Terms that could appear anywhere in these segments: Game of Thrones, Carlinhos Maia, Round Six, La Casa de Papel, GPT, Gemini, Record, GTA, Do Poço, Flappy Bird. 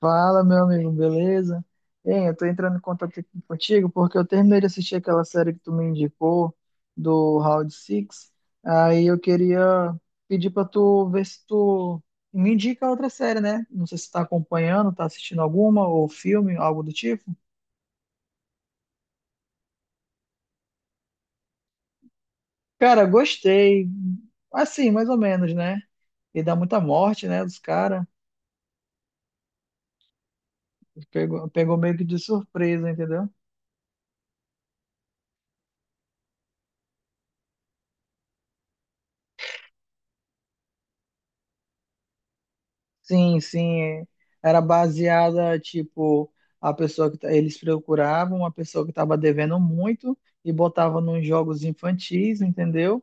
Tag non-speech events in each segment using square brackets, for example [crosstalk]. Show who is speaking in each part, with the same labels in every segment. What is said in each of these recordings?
Speaker 1: Fala, meu amigo, beleza? Eu tô entrando em contato aqui contigo porque eu terminei de assistir aquela série que tu me indicou do Round Six. Aí eu queria pedir pra tu ver se tu me indica outra série, né? Não sei se tu tá acompanhando, tá assistindo alguma ou filme, algo do tipo. Cara, gostei. Assim, mais ou menos, né? E dá muita morte, né, dos caras. Pegou meio que de surpresa, entendeu? Sim, sim. É. Era baseada, tipo, a pessoa que tá- eles procuravam uma pessoa que estava devendo muito e botava nos jogos infantis, entendeu?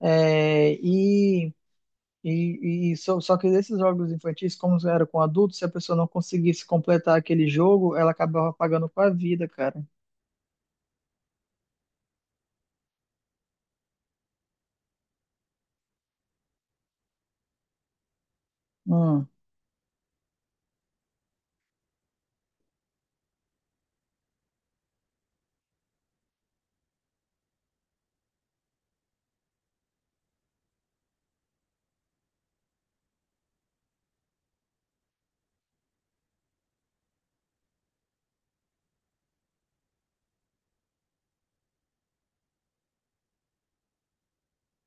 Speaker 1: É, e Só, só que esses jogos infantis, como era com adultos, se a pessoa não conseguisse completar aquele jogo, ela acabava pagando com a vida, cara. Hum.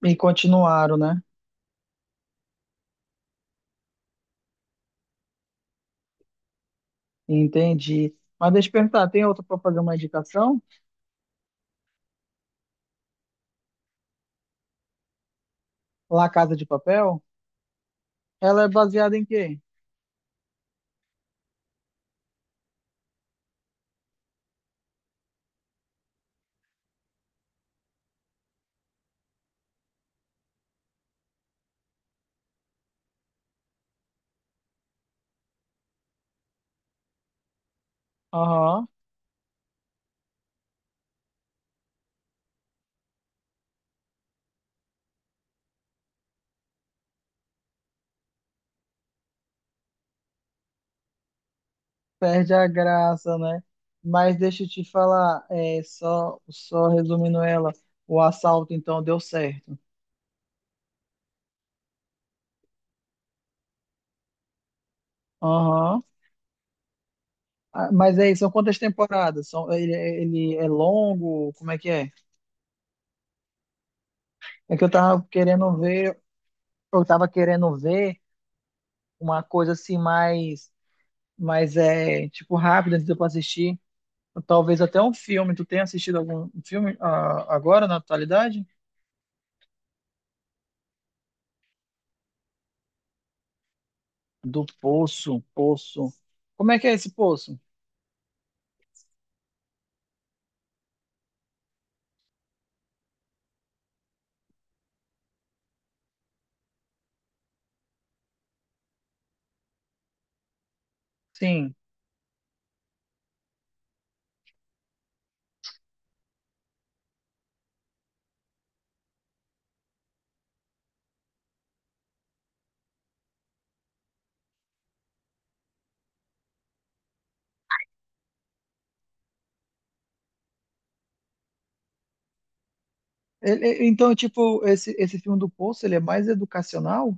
Speaker 1: E continuaram, né? Entendi. Mas deixa eu perguntar, tem outra para fazer uma indicação? La Casa de Papel? Ela é baseada em quê? Aham. Perde a graça, né? Mas deixa eu te falar, só, só resumindo ela, o assalto então deu certo. Aham. Ah, mas aí, são quantas temporadas? São, ele é longo? Como é que é? É que eu tava querendo ver, eu tava querendo ver uma coisa assim mais, mais tipo rápida antes de eu assistir. Talvez até um filme. Tu tem assistido algum filme agora na atualidade? Do Poço, Poço. Como é que é esse Poço? Sim. Então, tipo, esse filme do Poço, ele é mais educacional?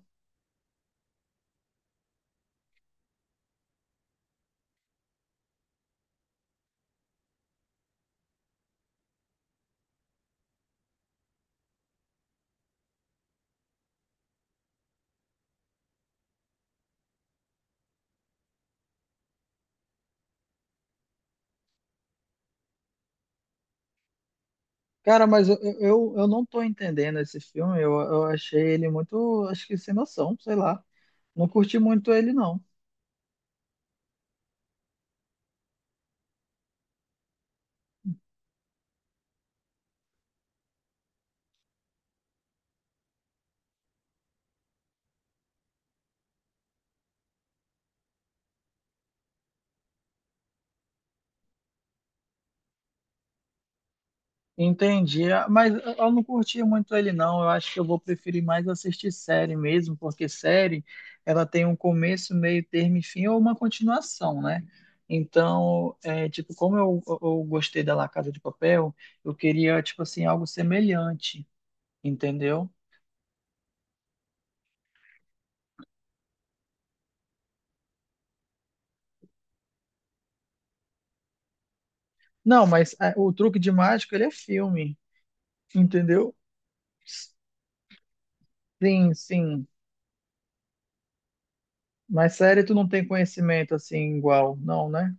Speaker 1: Cara, mas eu não tô entendendo esse filme. Eu achei ele muito, acho que sem noção, sei lá. Não curti muito ele, não. Entendi, ah, mas eu não curti muito ele, não. Eu acho que eu vou preferir mais assistir série mesmo, porque série, ela tem um começo, meio termo e fim, ou uma continuação, né? Então, é, tipo, como eu gostei da La Casa de Papel, eu queria, tipo assim, algo semelhante, entendeu? Não, mas é, o truque de mágica, ele é filme, entendeu? Sim, sim. Mas série tu não tem conhecimento assim igual, não, né?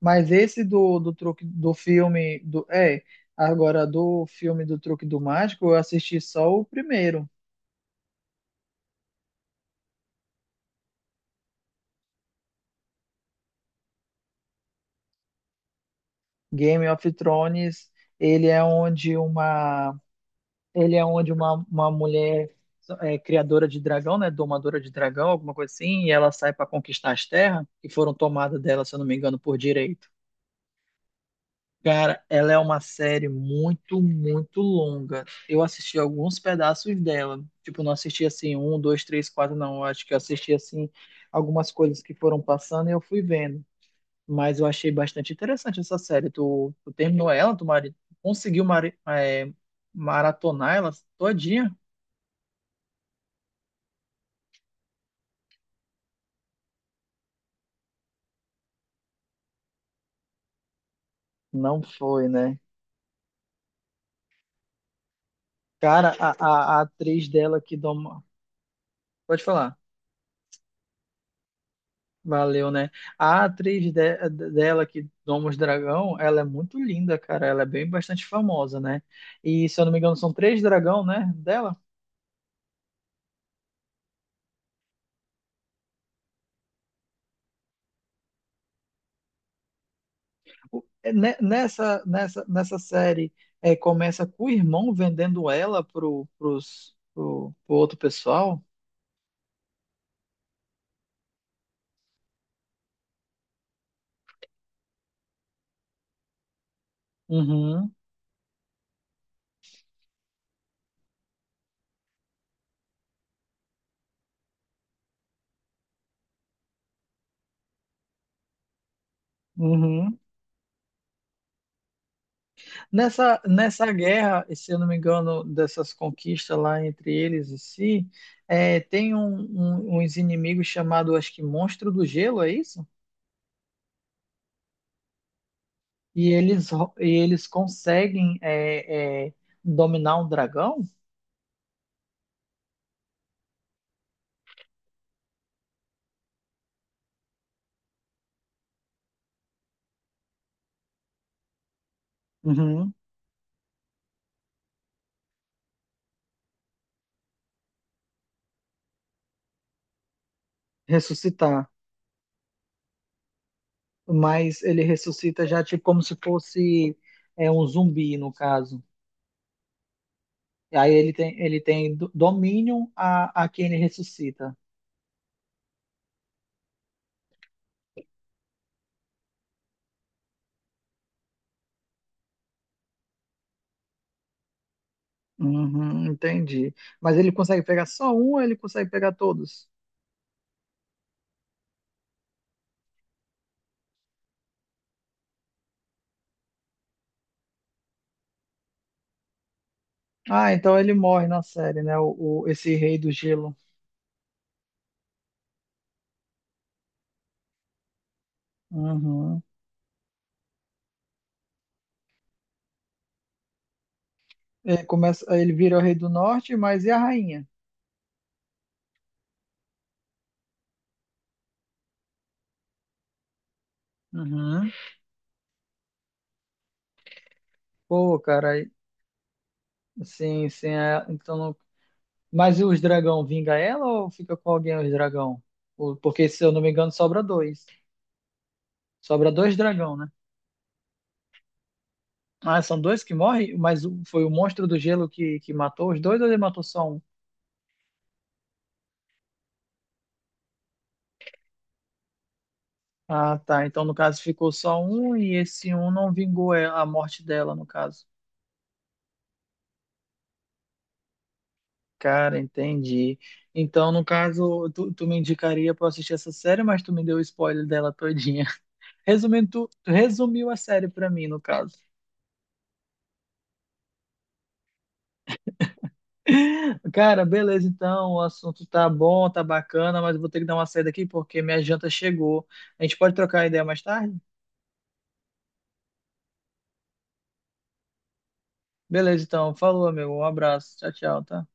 Speaker 1: Mas esse do truque do filme agora do filme do truque do mágico, eu assisti só o primeiro. Game of Thrones. Ele é onde uma uma mulher criadora de dragão, né, domadora de dragão, alguma coisa assim, e ela sai para conquistar as terras que foram tomadas dela, se eu não me engano, por direito. Cara, ela é uma série muito, muito longa. Eu assisti alguns pedaços dela. Tipo, não assisti assim, um, dois, três, quatro, não. Eu acho que eu assisti assim algumas coisas que foram passando e eu fui vendo. Mas eu achei bastante interessante essa série. Tu terminou ela, tu mari- conseguiu mari- eh, maratonar ela todinha? Não foi, né? Cara, a atriz dela que doma. Pode falar. Valeu, né? A atriz dela, que Domus Dragão, ela é muito linda, cara. Ela é bem bastante famosa, né? E, se eu não me engano, são três dragão, né? Dela. Nessa série, é, começa com o irmão vendendo ela pro outro pessoal. Uhum, uhum. Nessa guerra, e se eu não me engano, dessas conquistas lá entre eles e si, é, tem uns inimigos chamados, acho que Monstro do Gelo, é isso? E eles conseguem dominar um dragão? Uhum. Ressuscitar. Mas ele ressuscita já tipo como se fosse um zumbi, no caso. E aí ele tem domínio a quem ele ressuscita. Uhum, entendi. Mas ele consegue pegar só um ou ele consegue pegar todos? Ah, então ele morre na série, né? Esse rei do gelo. Uhum. Ele vira o rei do norte, mas e a rainha? Uhum. Pô, cara. Sim, sim. Mas e os dragão vinga ela ou fica com alguém os dragão? Porque, se eu não me engano, sobra dois. Sobra dois dragão, né? Ah, são dois que morrem, mas foi o monstro do gelo que matou os dois ou ele matou só um? Ah, tá. Então, no caso, ficou só um e esse um não vingou a morte dela, no caso. Cara, entendi. Então, no caso, tu me indicaria pra eu assistir essa série, mas tu me deu o spoiler dela todinha. [laughs] Resumindo, tu resumiu a série pra mim, no caso. Cara, beleza, então, o assunto tá bom, tá bacana, mas eu vou ter que dar uma saída aqui porque minha janta chegou. A gente pode trocar ideia mais tarde? Beleza, então, falou, amigo, um abraço, tchau, tchau, tá?